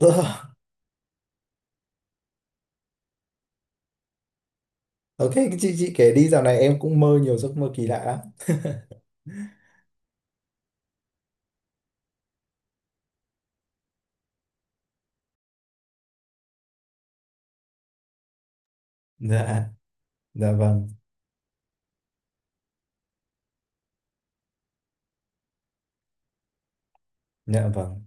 Ok. Chị kể đi, dạo này em cũng mơ nhiều giấc mơ kỳ lạ lắm. Dạ, dạ vâng, dạ vâng,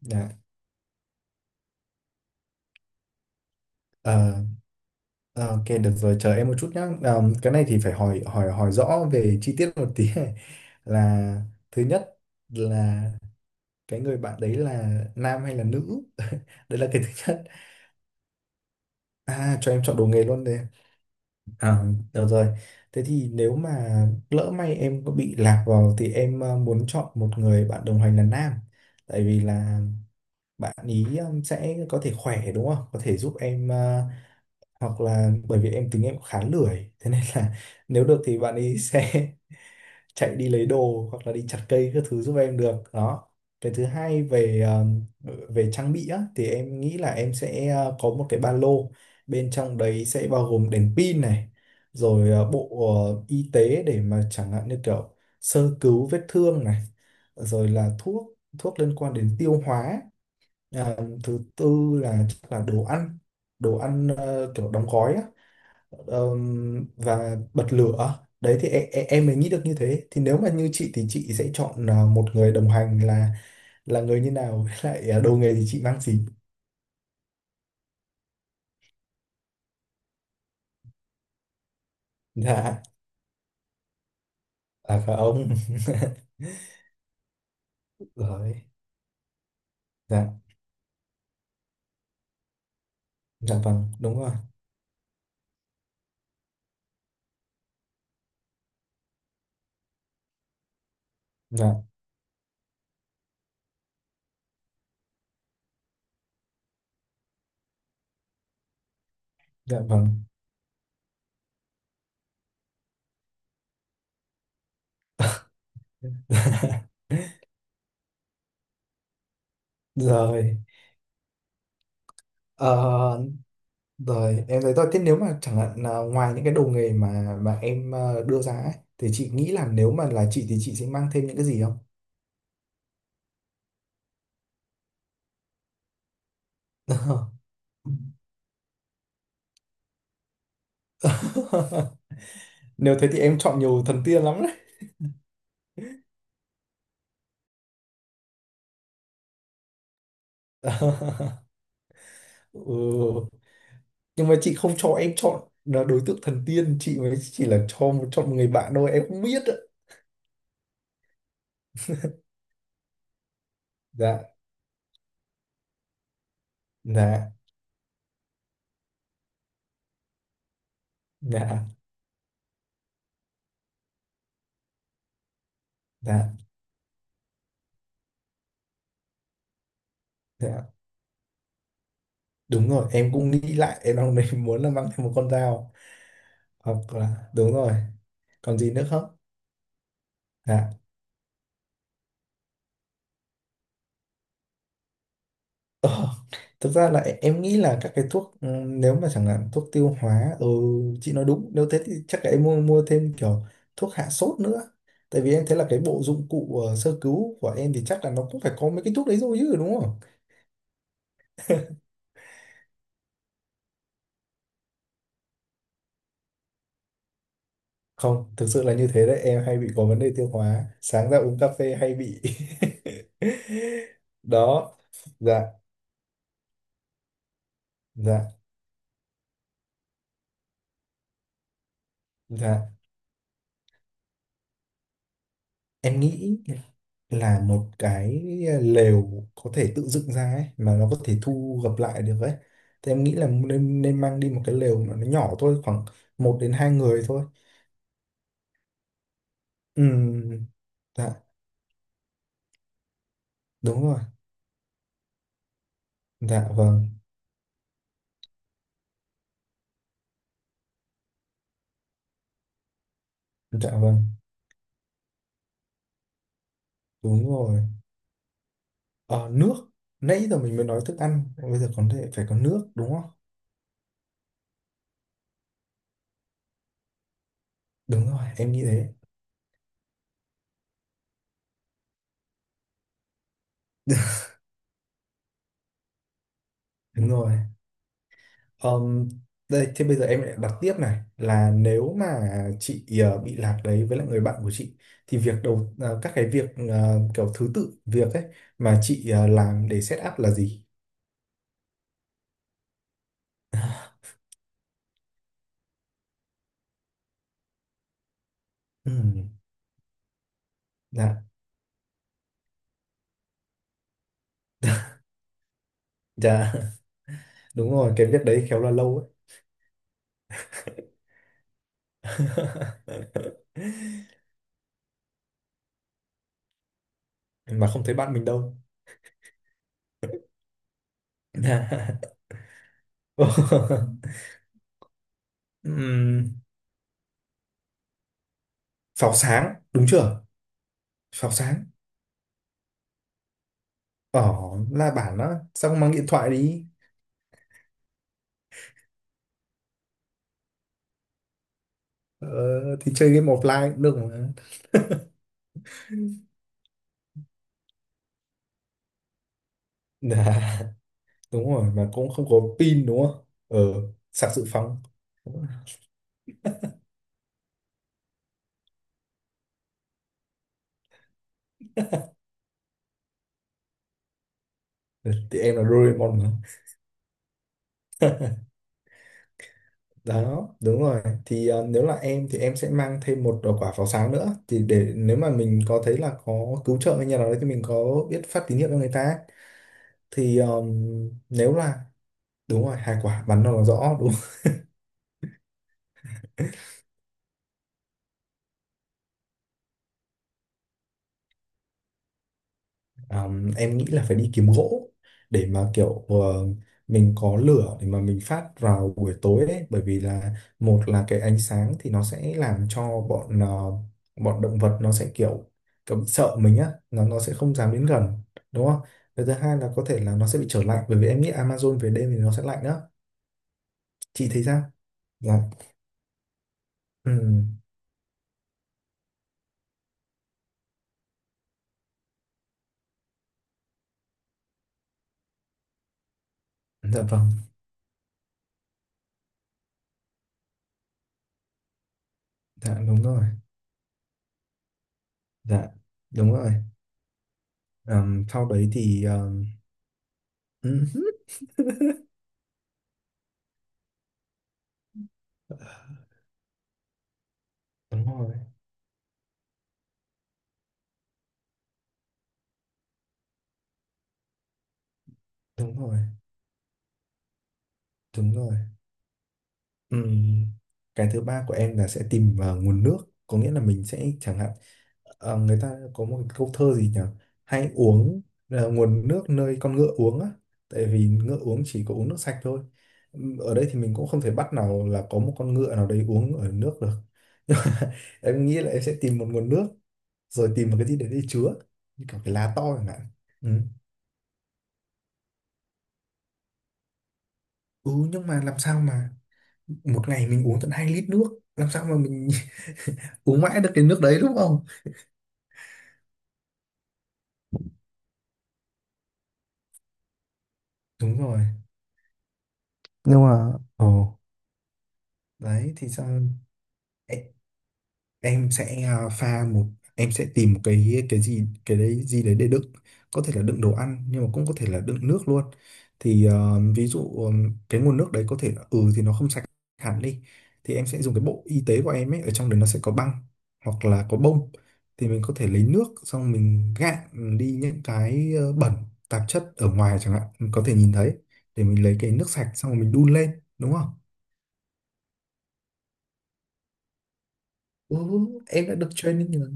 dạ. Ờ, ok được rồi, chờ em một chút nhá. Ờ, cái này thì phải hỏi hỏi hỏi rõ về chi tiết một tí này. Là thứ nhất là cái người bạn đấy là nam hay là nữ đấy là cái thứ nhất. À, cho em chọn đồ nghề luôn. À, được rồi. Thế thì nếu mà lỡ may em có bị lạc vào thì em muốn chọn một người bạn đồng hành là nam. Tại vì là bạn ý sẽ có thể khỏe đúng không? Có thể giúp em ờ, hoặc là bởi vì em tính em khá lười. Thế nên là nếu được thì bạn ý sẽ chạy đi lấy đồ hoặc là đi chặt cây các thứ giúp em được đó. Cái thứ hai về về trang bị á, thì em nghĩ là em sẽ có một cái ba lô, bên trong đấy sẽ bao gồm đèn pin này, rồi bộ y tế để mà chẳng hạn như kiểu sơ cứu vết thương này, rồi là thuốc thuốc liên quan đến tiêu hóa, à, thứ tư là chắc là đồ ăn, đồ ăn kiểu đóng gói á. Và bật lửa đấy thì em mới nghĩ được như thế. Thì nếu mà như chị thì chị sẽ chọn à, một người đồng hành là người như nào với lại à, đồ nghề thì chị mang gì? Dạ, à phải ông. Rồi, dạ, dạ vâng đúng rồi, dạ, dạ vâng. Rồi. Ờ, Rồi em thấy thôi, thế nếu mà chẳng hạn là ngoài những cái đồ nghề mà em ờ, đưa ra ấy, thì chị nghĩ là nếu mà là chị thì chị sẽ mang thêm những cái gì? Không. Nếu thế thì em chọn nhiều thần tiên lắm đấy. Ừ. Nhưng mà chị không cho em chọn là đối tượng thần tiên, chị mới chỉ là cho chọn một người bạn thôi, em không biết ạ. Dạ, dạ, dạ, dạ, dạ. Đúng rồi, em cũng nghĩ lại, em đang định muốn là mang thêm một con dao. Hoặc là, đúng rồi, còn gì nữa không? Dạ. Ờ, thực ra là em nghĩ là các cái thuốc ừ, nếu mà chẳng hạn thuốc tiêu hóa ừ, chị nói đúng. Nếu thế thì chắc là em mua mua thêm kiểu thuốc hạ sốt nữa, tại vì em thấy là cái bộ dụng cụ ờ, sơ cứu của em thì chắc là nó cũng phải có mấy cái thuốc đấy rồi chứ đúng không? Không, thực sự là như thế đấy, em hay bị có vấn đề tiêu hóa, sáng ra uống cà phê hay bị. Đó, dạ, dạ, dạ. Em nghĩ là một cái lều có thể tự dựng ra ấy mà nó có thể thu gập lại được ấy, thì em nghĩ là nên nên mang đi một cái lều mà nó nhỏ thôi, khoảng 1 đến 2 người thôi. Ừ, dạ, đúng rồi, dạ vâng, dạ vâng, đúng rồi. Ờ, nước. Nãy giờ mình mới nói thức ăn, bây giờ còn thể phải có nước đúng không? Đúng rồi em nghĩ thế. Đúng rồi. Ờm, đây, thế bây giờ em lại đặt tiếp này, là nếu mà chị ờ, bị lạc đấy với lại người bạn của chị, thì việc đầu ờ, các cái việc ờ, kiểu thứ tự việc ấy mà chị ờ, làm để set up là gì? Ừm, dạ, dạ, đúng rồi, cái việc đấy khéo là lâu ấy. Mà không thấy bạn mình đâu. Dạ. Ừm, pháo sáng, đúng chưa? Pháo sáng. Ờ, la bản đó, xong mang điện thoại đi. Ờ, thì chơi game offline cũng được mà. Dạ, đúng rồi, mà cũng không có pin đúng không? Ờ, sạc dự phòng. Ừ, thì em là Doraemon mà. Đó, đúng rồi. Thì ờ, nếu là em thì em sẽ mang thêm một ờ, quả pháo sáng nữa, thì để nếu mà mình có thấy là có cứu trợ hay nhà nào đấy thì mình có biết phát tín hiệu cho người ta. Thì nếu là đúng rồi, hai quả bắn nó là rõ đúng. Em nghĩ là phải đi kiếm gỗ để mà kiểu ờ, mình có lửa để mà mình phát vào buổi tối ấy, bởi vì là một là cái ánh sáng thì nó sẽ làm cho bọn ờ, bọn động vật nó sẽ kiểu kiểu bị sợ mình á, nó sẽ không dám đến gần đúng không? Và thứ hai là có thể là nó sẽ bị trở lạnh bởi vì em nghĩ Amazon về đêm thì nó sẽ lạnh á. Chị thấy sao? Dạ. Ừ. Dạ vâng. Dạ đúng rồi. Dạ đúng rồi. Sau đấy thì ừ, đúng rồi, đúng rồi, đúng rồi. Ừm, cái thứ ba của em là sẽ tìm vào nguồn nước, có nghĩa là mình sẽ chẳng hạn ờ, người ta có một câu thơ gì nhỉ, hãy uống ờ, nguồn nước nơi con ngựa uống á, tại vì ngựa uống chỉ có uống nước sạch thôi. Ở đây thì mình cũng không thể bắt nào là có một con ngựa nào đấy uống ở nước được, nhưng mà em nghĩ là em sẽ tìm một nguồn nước rồi tìm một cái gì đấy để chứa, như kiểu cái lá to chẳng hạn. Ừ. Ừ, nhưng mà làm sao mà một ngày mình uống tận 2 lít nước, làm sao mà mình uống mãi được cái nước đấy đúng không? Đúng rồi, nhưng mà ồ đấy thì sao? em, em sẽ à, pha một em sẽ tìm một cái gì cái đấy gì đấy để đựng, có thể là đựng đồ ăn nhưng mà cũng có thể là đựng nước luôn. Thì ờ, ví dụ cái nguồn nước đấy có thể là ừ thì nó không sạch hẳn đi, thì em sẽ dùng cái bộ y tế của em ấy, ở trong đấy nó sẽ có băng hoặc là có bông, thì mình có thể lấy nước xong mình gạn đi những cái ờ, bẩn tạp chất ở ngoài, chẳng hạn mình có thể nhìn thấy, để mình lấy cái nước sạch xong rồi mình đun lên đúng không? Ừ, em đã được training rồi.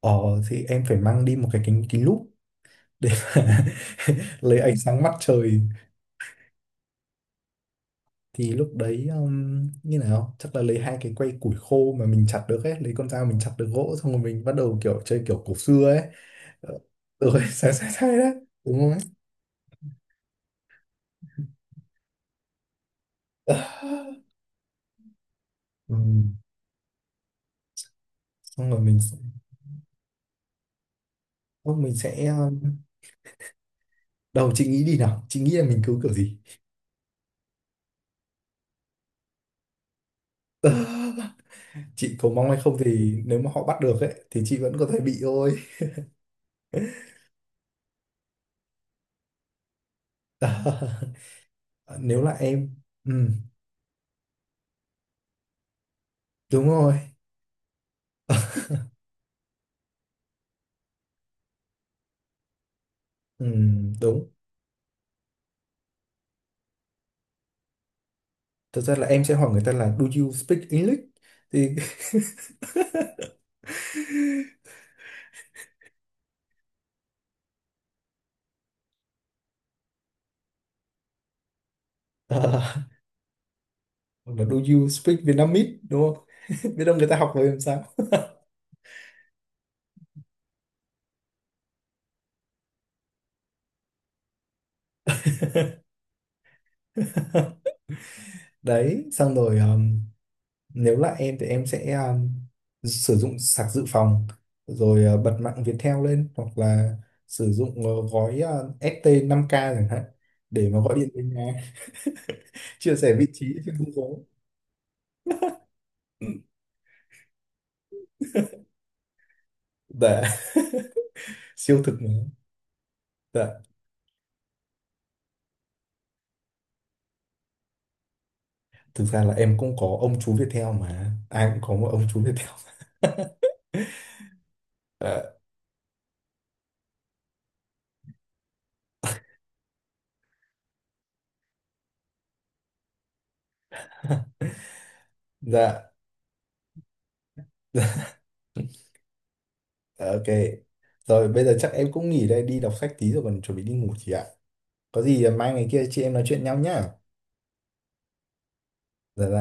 Ờ, thì em phải mang đi một cái kính kính lúp để mà lấy ánh sáng mặt trời. Thì lúc đấy như nào chắc là lấy 2 cái que củi khô mà mình chặt được ấy, lấy con dao mình chặt được gỗ xong rồi mình bắt đầu kiểu chơi kiểu cổ xưa ấy. Ờ, rồi sai sai sai đấy, đúng không ấy? Ờ, ừ, xong rồi mình sẽ Ô, mình sẽ đầu chị nghĩ đi nào, chị nghĩ là mình cứu kiểu gì? Ờ, chị có mong hay không thì nếu mà họ bắt được ấy thì chị vẫn có thể bị thôi. Ờ, nếu là em ừ, đúng rồi, ừ, đúng. Thật ra là em sẽ hỏi người ta là do you speak English thì. À, hoặc là do you speak Vietnamese đúng không? Biết đâu người ta học rồi làm sao. Đấy xong rồi nếu là em thì em sẽ sử dụng sạc dự phòng rồi ờ, bật mạng Viettel lên hoặc là sử dụng ờ, gói ST 5K chẳng hạn để mà gọi điện đến nhà, chia sẻ vị trí chứ không có. Dạ. Siêu thực mà. Dạ, thực ra là em cũng có ông chú Viettel, mà ai cũng có một ông chú Viettel. Ờ, dạ, dạ, ok. Rồi bây giờ chắc em cũng nghỉ đây, đi đọc sách tí rồi còn chuẩn bị đi ngủ chị ạ. Có gì ờ, mai ngày kia chị em nói chuyện nhau nhá. Dạ dạ.